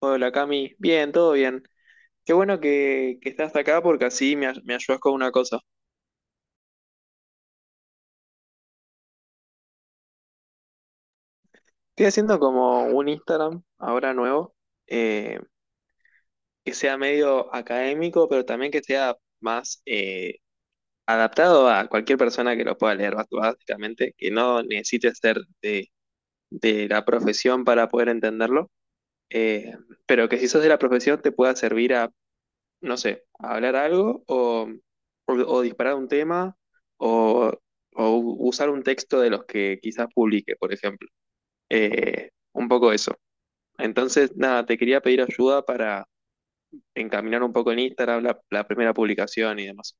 Hola Cami, bien, todo bien. Qué bueno que estás acá porque así me ayudas con una cosa. Estoy haciendo como un Instagram ahora nuevo, eh, que sea medio académico, pero también que sea más adaptado a cualquier persona que lo pueda leer, básicamente, que no necesite ser de la profesión para poder entenderlo, eh, pero que si sos de la profesión te pueda servir no sé, hablar algo o disparar un tema o, usar un texto de los que quizás publique, por ejemplo. Un poco eso. Entonces, nada, te quería pedir ayuda para encaminar un poco en Instagram la primera publicación y demás.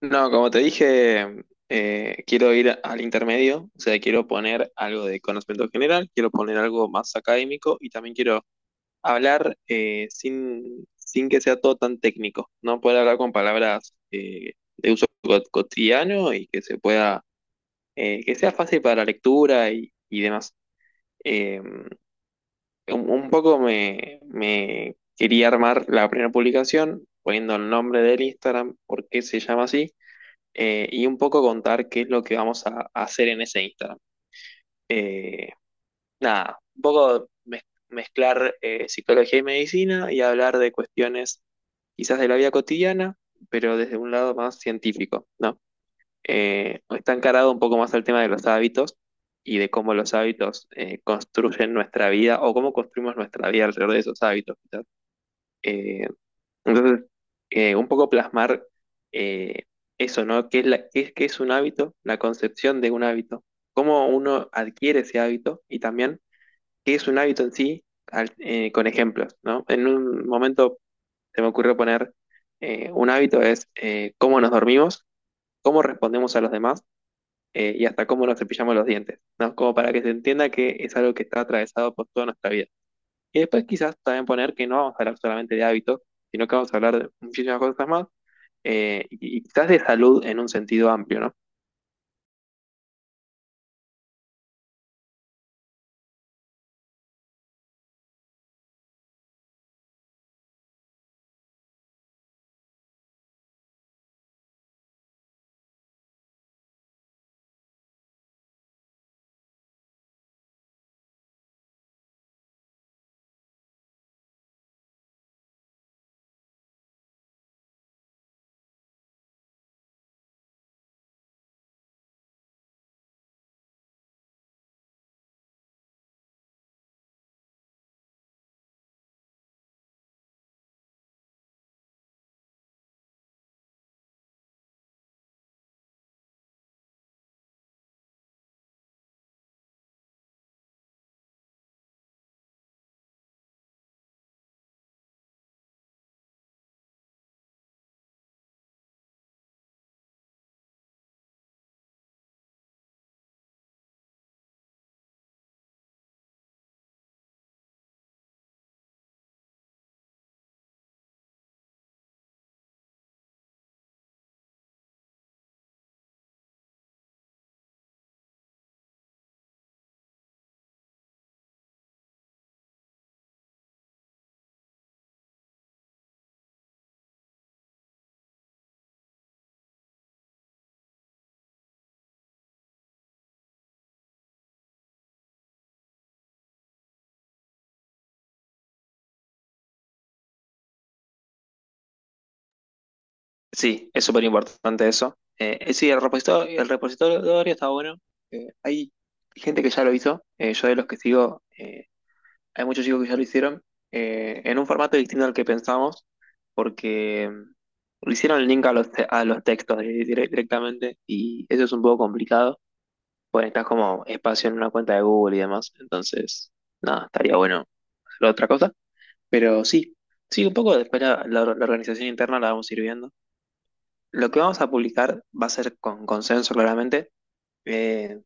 No, como te dije, quiero ir al intermedio, o sea, quiero poner algo de conocimiento general, quiero poner algo más académico y también quiero hablar sin, sin que sea todo tan técnico, ¿no? Poder hablar con palabras de uso cotidiano y que se pueda, que sea fácil para la lectura y demás. Eh, un poco me quería armar la primera publicación poniendo el nombre del Instagram, por qué se llama así, y un poco contar qué es lo que vamos a hacer en ese Instagram. Eh, nada, un poco mezclar psicología y medicina y hablar de cuestiones quizás de la vida cotidiana, pero desde un lado más científico, ¿no? Está encarado un poco más al tema de los hábitos y de cómo los hábitos construyen nuestra vida o cómo construimos nuestra vida alrededor de esos hábitos, quizás. Eh, entonces, un poco plasmar eh, eso, ¿no? ¿Qué es, qué es, qué es un hábito? La concepción de un hábito, cómo uno adquiere ese hábito y también qué es un hábito en sí con ejemplos, ¿no? En un momento se me ocurrió poner un hábito es cómo nos dormimos, cómo respondemos a los demás y hasta cómo nos cepillamos los dientes, ¿no? Como para que se entienda que es algo que está atravesado por toda nuestra vida. Y después quizás también poner que no vamos a hablar solamente de hábitos, sino que vamos a hablar de muchísimas cosas más, y quizás de salud en un sentido amplio, ¿no? Sí, es súper importante eso. Sí, el repositorio está bueno. Hay gente que ya lo hizo. Yo de los que sigo, hay muchos chicos que ya lo hicieron, en un formato distinto al que pensamos, porque lo hicieron el link a los, a los textos directamente y eso es un poco complicado, pues necesitas como espacio en una cuenta de Google y demás, entonces, nada, estaría bueno hacer otra cosa, pero sí, sí, un poco después la organización interna la vamos a ir viendo. Lo que vamos a publicar va a ser con consenso claramente, eh,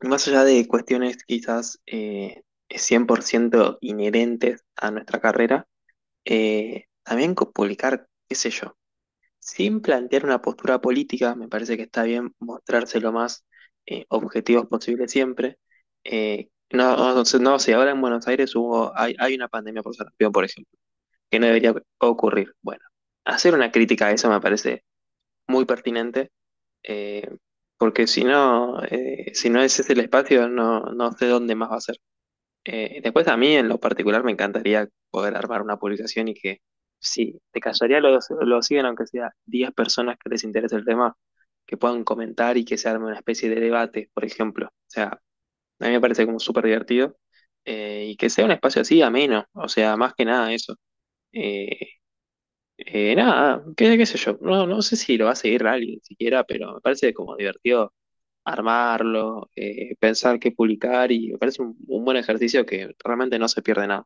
más allá de cuestiones quizás 100% inherentes a nuestra carrera. Publicar, qué sé yo, sin plantear una postura política, me parece que está bien mostrarse lo más objetivos posible siempre. No sé, ahora en Buenos Aires hay una pandemia por sarampión, por ejemplo, que no debería ocurrir. Bueno, hacer una crítica a eso me parece muy pertinente, eh, porque si no, si no ese es el espacio, no, no sé dónde más va a ser. Después a mí en lo particular me encantaría poder armar una publicación y que si te callaría lo siguen aunque sea 10 personas que les interese el tema, que puedan comentar y que se arme una especie de debate, por ejemplo. O sea, a mí me parece como súper divertido, y que sea un espacio así ameno, o sea, más que nada eso. Eh, nada, qué, qué sé yo, no, no sé si lo va a seguir alguien siquiera, pero me parece como divertido armarlo, pensar qué publicar y me parece un buen ejercicio que realmente no se pierde nada.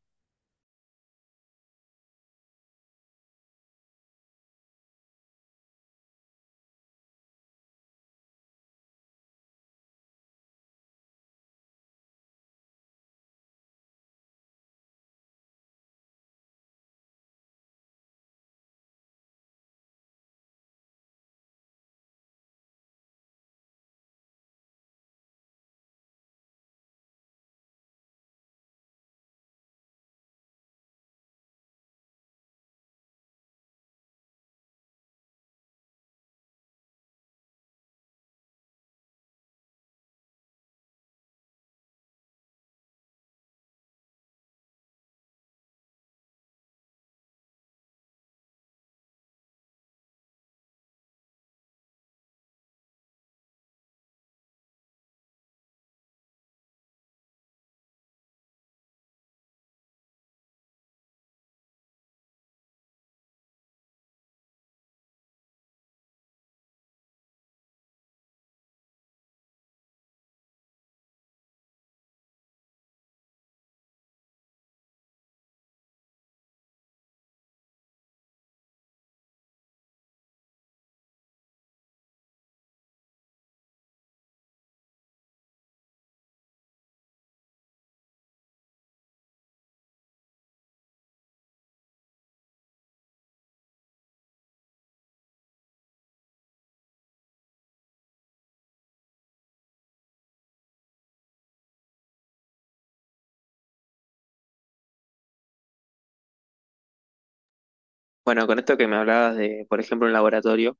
Bueno, con esto que me hablabas de, por ejemplo, un laboratorio,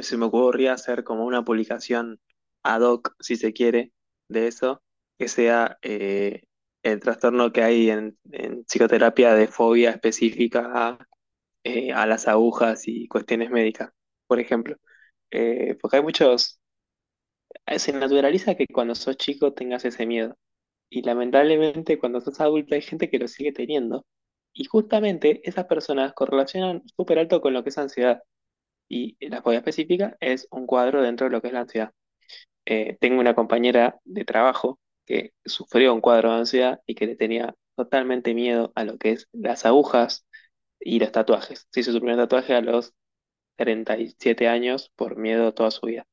se me ocurría hacer como una publicación ad hoc, si se quiere, de eso, que sea el trastorno que hay en psicoterapia de fobia específica a las agujas y cuestiones médicas, por ejemplo. Porque hay muchos, se naturaliza que cuando sos chico tengas ese miedo. Y lamentablemente cuando sos adulto hay gente que lo sigue teniendo. Y justamente esas personas correlacionan súper alto con lo que es ansiedad. Y la fobia específica es un cuadro dentro de lo que es la ansiedad. Tengo una compañera de trabajo que sufrió un cuadro de ansiedad y que le tenía totalmente miedo a lo que es las agujas y los tatuajes. Se hizo su primer tatuaje a los 37 años por miedo toda su vida.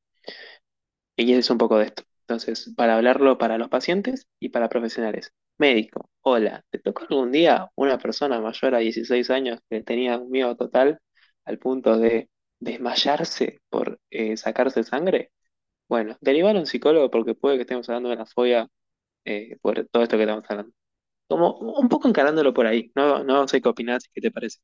Y eso es un poco de esto. Entonces, para hablarlo para los pacientes y para profesionales. Médico, hola, ¿te tocó algún día una persona mayor a 16 años que tenía un miedo total al punto de desmayarse por sacarse sangre? Bueno, derivar a un psicólogo porque puede que estemos hablando de una fobia, por todo esto que estamos hablando. Como un poco encarándolo por ahí, no, no sé qué opinás y qué te parece.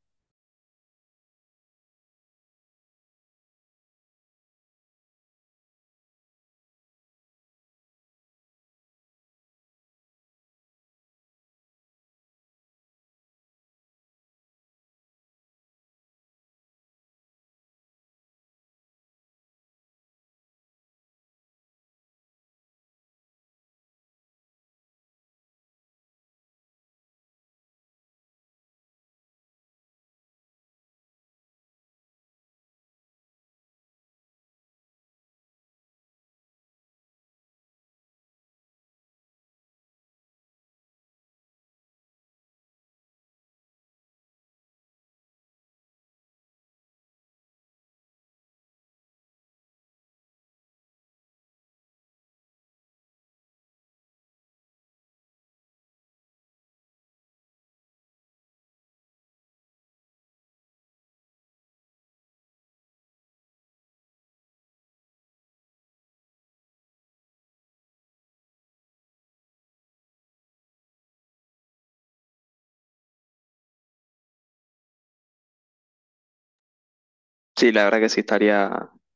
Sí, la verdad que sí estaría,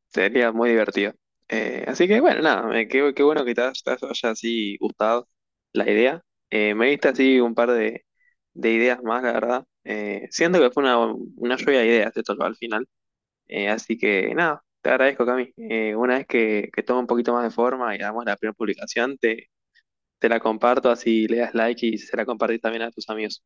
sería muy divertido. Así que bueno, nada, qué bueno que te haya así gustado la idea. Me diste así un par de ideas más, la verdad. Siento que fue una lluvia de ideas esto al final. Así que nada, te agradezco, Cami. Una vez que tome un poquito más de forma y hagamos la primera publicación, te la comparto así le das like y se la compartís también a tus amigos.